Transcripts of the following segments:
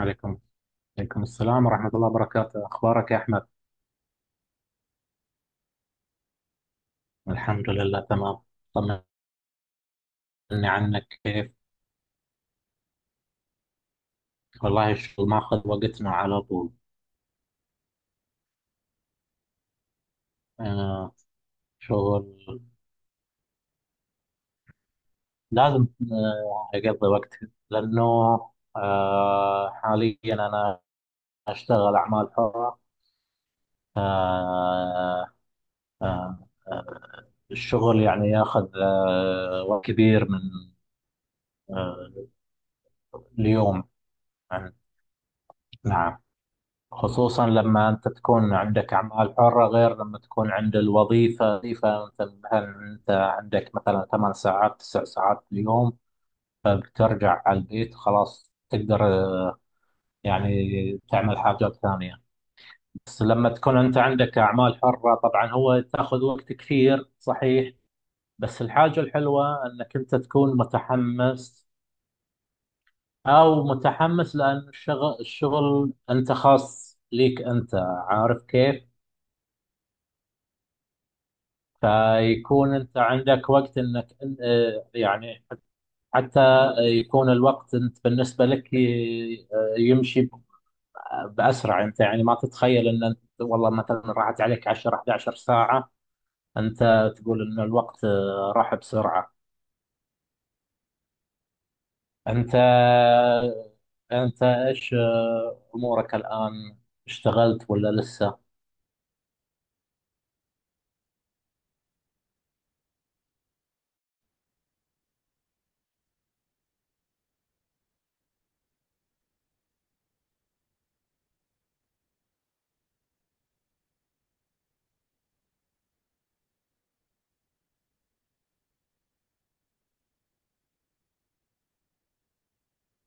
عليكم عليكم السلام ورحمة الله وبركاته. أخبارك يا أحمد؟ الحمد لله تمام. طمني عنك كيف؟ والله الشغل ماخذ وقتنا على طول. أنا شغل لازم أقضي وقت. لأنه حاليا أنا أشتغل أعمال حرة. آه، آه، آه، الشغل يعني ياخذ وقت كبير من آه، اليوم يعني. نعم. خصوصا لما أنت تكون عندك أعمال حرة غير لما تكون عند الوظيفة، وظيفة مثل هل أنت عندك مثلا 8 ساعات 9 ساعات في اليوم، فبترجع على البيت خلاص تقدر يعني تعمل حاجات ثانية. بس لما تكون أنت عندك أعمال حرة طبعا هو تاخذ وقت كثير، صحيح. بس الحاجة الحلوة أنك أنت تكون متحمس، أو متحمس لأن الشغل أنت خاص ليك أنت، عارف كيف. فيكون انت عندك وقت انك يعني حتى يكون الوقت انت بالنسبه لك يمشي باسرع. انت يعني ما تتخيل ان انت والله مثلا راحت عليك 10 11 ساعه، انت تقول ان الوقت راح بسرعه. انت انت ايش امورك الان؟ اشتغلت ولا لسه؟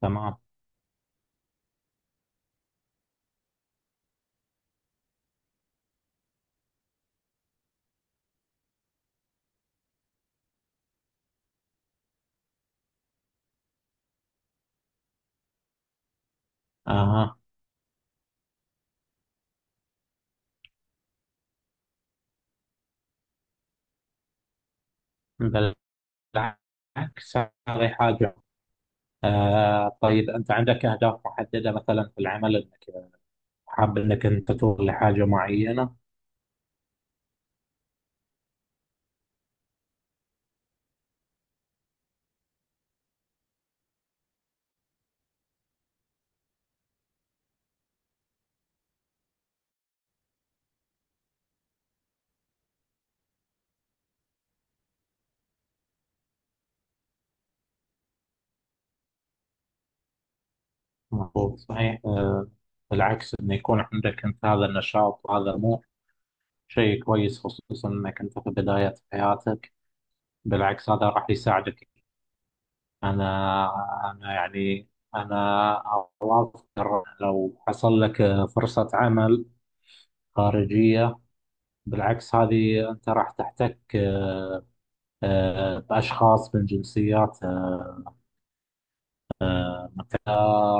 تمام. اها. بالعكس، هذه حاجه. طيب أنت عندك أهداف محددة مثلا في العمل أنك حاب أنك أنت توصل لحاجة معينة؟ مظبوط، صحيح بالعكس، أن يكون عندك أنت هذا النشاط وهذا طموح شيء كويس، خصوصا أنك أنت في بداية حياتك. بالعكس هذا راح يساعدك. أنا أنا يعني أنا أوافق. لو حصل لك فرصة عمل خارجية، بالعكس هذه أنت راح تحتك بأشخاص من جنسيات انت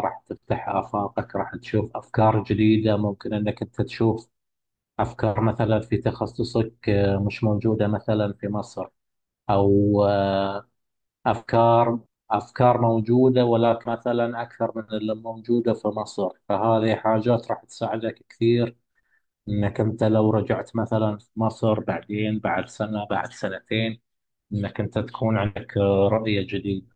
راح تفتح آفاقك، راح تشوف أفكار جديدة ممكن أنك أنت تشوف أفكار مثلا في تخصصك مش موجودة مثلا في مصر، أو أفكار موجودة ولكن مثلا أكثر من اللي موجودة في مصر. فهذه حاجات راح تساعدك كثير أنك أنت لو رجعت مثلا في مصر بعدين بعد سنة بعد سنتين، أنك أنت تكون عندك رؤية جديدة.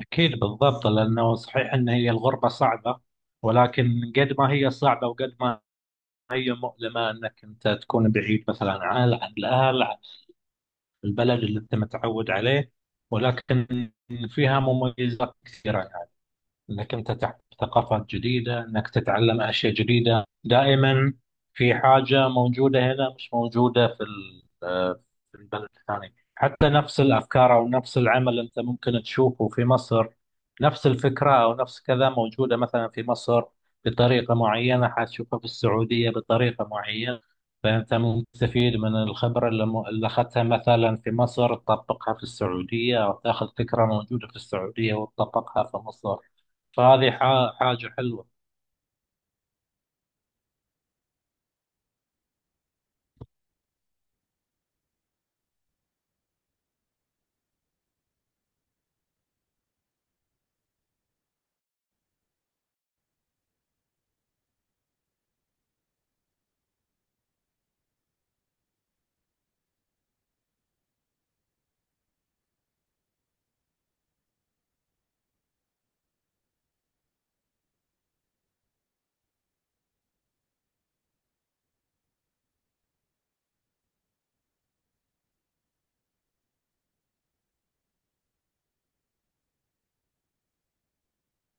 أكيد، بالضبط، لأنه صحيح أن هي الغربة صعبة، ولكن قد ما هي صعبة وقد ما هي مؤلمة أنك أنت تكون بعيد مثلا عن الأهل، عن البلد اللي أنت متعود عليه، ولكن فيها مميزات كثيرة. انك انت تحت ثقافات جديده، انك تتعلم اشياء جديده دائما. في حاجه موجوده هنا مش موجوده في في البلد الثاني. حتى نفس الافكار او نفس العمل انت ممكن تشوفه في مصر، نفس الفكره او نفس كذا موجوده مثلا في مصر بطريقه معينه، حتشوفها في السعوديه بطريقه معينه. فانت مستفيد من الخبره اللي اللي اخذتها مثلا في مصر تطبقها في السعوديه، او تاخذ فكره موجوده في السعوديه وتطبقها في مصر. فهذه حاجة حلوة.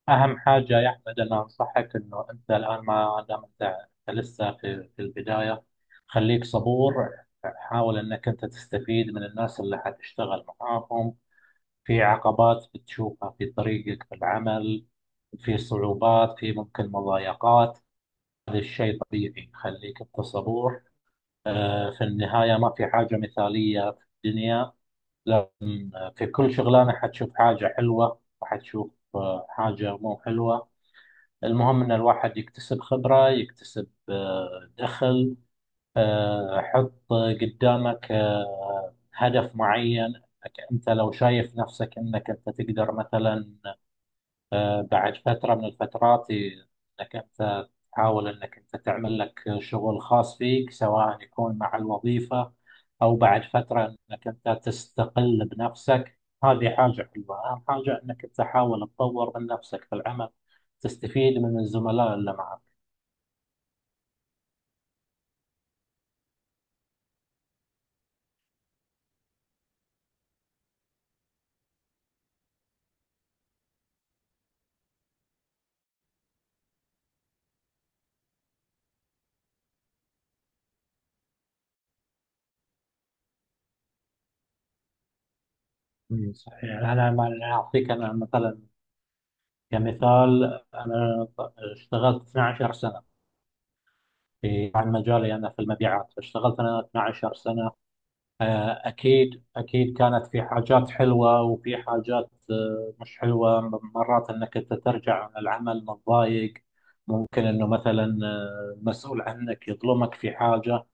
أهم حاجة يا أحمد، أنا أنصحك إنه أنت الآن ما دام أنت لسه في البداية، خليك صبور. حاول إنك أنت تستفيد من الناس اللي حتشتغل معاهم. في عقبات بتشوفها في طريقك في العمل، في صعوبات، في ممكن مضايقات، هذا الشيء طبيعي. خليك أنت صبور. في النهاية ما في حاجة مثالية في الدنيا، لأن في كل شغلانة حتشوف حاجة حلوة وحتشوف حاجة مو حلوة. المهم إن الواحد يكتسب خبرة، يكتسب دخل. حط قدامك هدف معين. أنت لو شايف نفسك أنك أنت تقدر مثلا بعد فترة من الفترات إنك أنت تحاول إنك أنت تعمل لك شغل خاص فيك، سواء يكون مع الوظيفة أو بعد فترة إنك أنت تستقل بنفسك. هذه حاجة حلوة. أهم حاجة إنك أنت تحاول تطور من نفسك في العمل، تستفيد من الزملاء اللي معك. صحيح، يعني أنا ما- أنا أعطيك أنا مثلا كمثال. أنا اشتغلت 12 سنة في، عن مجالي أنا في المبيعات، اشتغلت أنا 12 سنة. أكيد أكيد كانت في حاجات حلوة وفي حاجات مش حلوة، مرات أنك أنت ترجع عن العمل متضايق، ممكن أنه مثلا المسؤول عنك يظلمك في حاجة.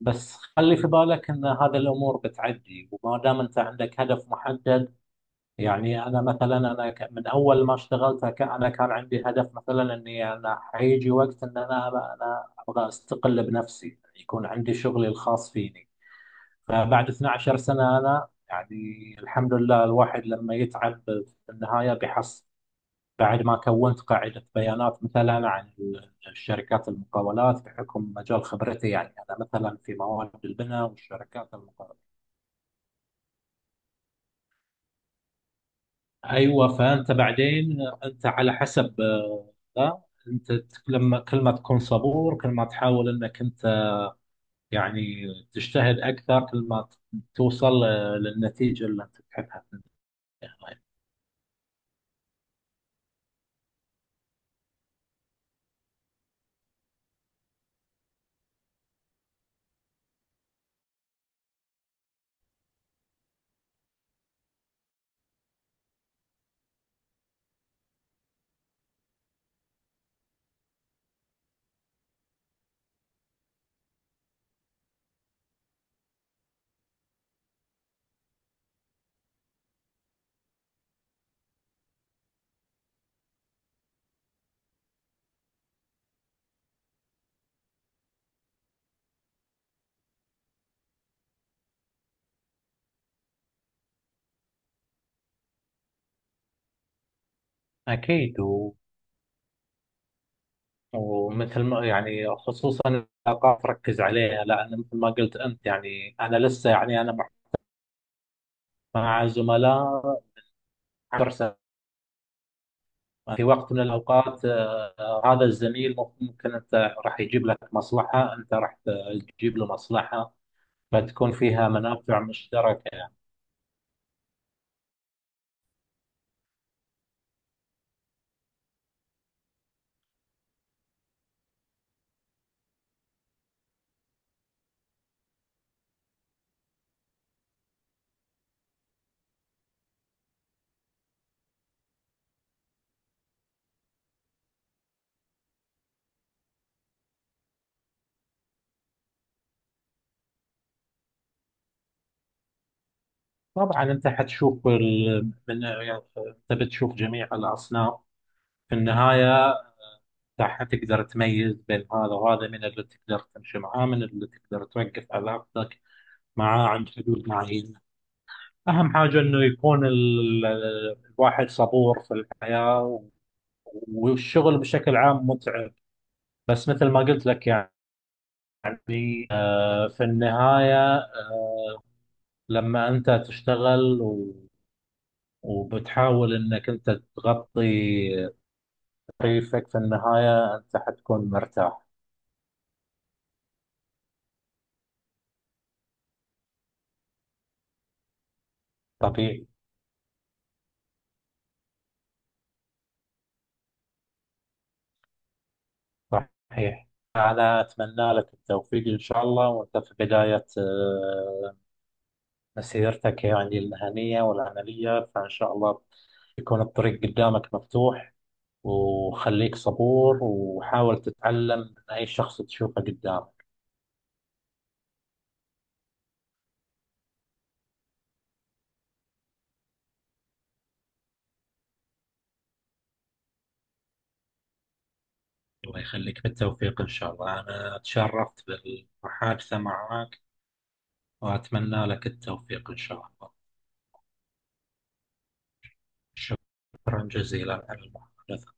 بس خلي في بالك أن هذه الأمور بتعدي، وما دام أنت عندك هدف محدد. يعني أنا مثلا أنا من أول ما اشتغلت أنا كان عندي هدف مثلا أني أنا حيجي وقت أن أنا أبغى أستقل بنفسي، يعني يكون عندي شغلي الخاص فيني. فبعد 12 سنة أنا يعني الحمد لله، الواحد لما يتعب في النهاية بيحصل، بعد ما كونت قاعدة بيانات مثلا عن الشركات المقاولات بحكم مجال خبرتي، يعني أنا مثلا في مواد البناء والشركات المقاولات. أيوة. فأنت بعدين أنت على حسب آه، لا أنت لما كل ما تكون صبور، كل ما تحاول أنك أنت يعني تجتهد أكثر، كل ما توصل للنتيجة اللي أنت تحبها في النهاية. أكيد. ومثل ما يعني خصوصا العلاقات، ركز عليها، لان مثل ما قلت انت يعني، انا لسه يعني انا مع زملاء 10 سنين. في وقت من الاوقات هذا الزميل ممكن انت راح يجيب لك مصلحه، انت راح تجيب له مصلحه، فتكون فيها منافع مشتركه يعني. طبعا انت حتشوف يعني انت بتشوف جميع الاصناف. في النهايه راح تقدر تميز بين هذا وهذا، من اللي تقدر تمشي معاه، من اللي تقدر توقف علاقتك معاه عند حدود معينة. أهم حاجة إنه يكون الواحد صبور في الحياة، والشغل بشكل عام متعب، بس مثل ما قلت لك، يعني في النهاية لما أنت تشتغل وبتحاول إنك أنت تغطي تكليفك، في النهاية أنت حتكون مرتاح. طبيعي، صحيح. أنا أتمنى لك التوفيق إن شاء الله، وأنت في بداية مسيرتك يعني المهنية والعملية. فإن شاء الله يكون الطريق قدامك مفتوح، وخليك صبور، وحاول تتعلم من أي شخص تشوفه قدامك. الله يخليك، بالتوفيق إن شاء الله. أنا تشرفت بالمحادثة معك، وأتمنى لك التوفيق إن شاء الله. شكرا جزيلا على المحادثة.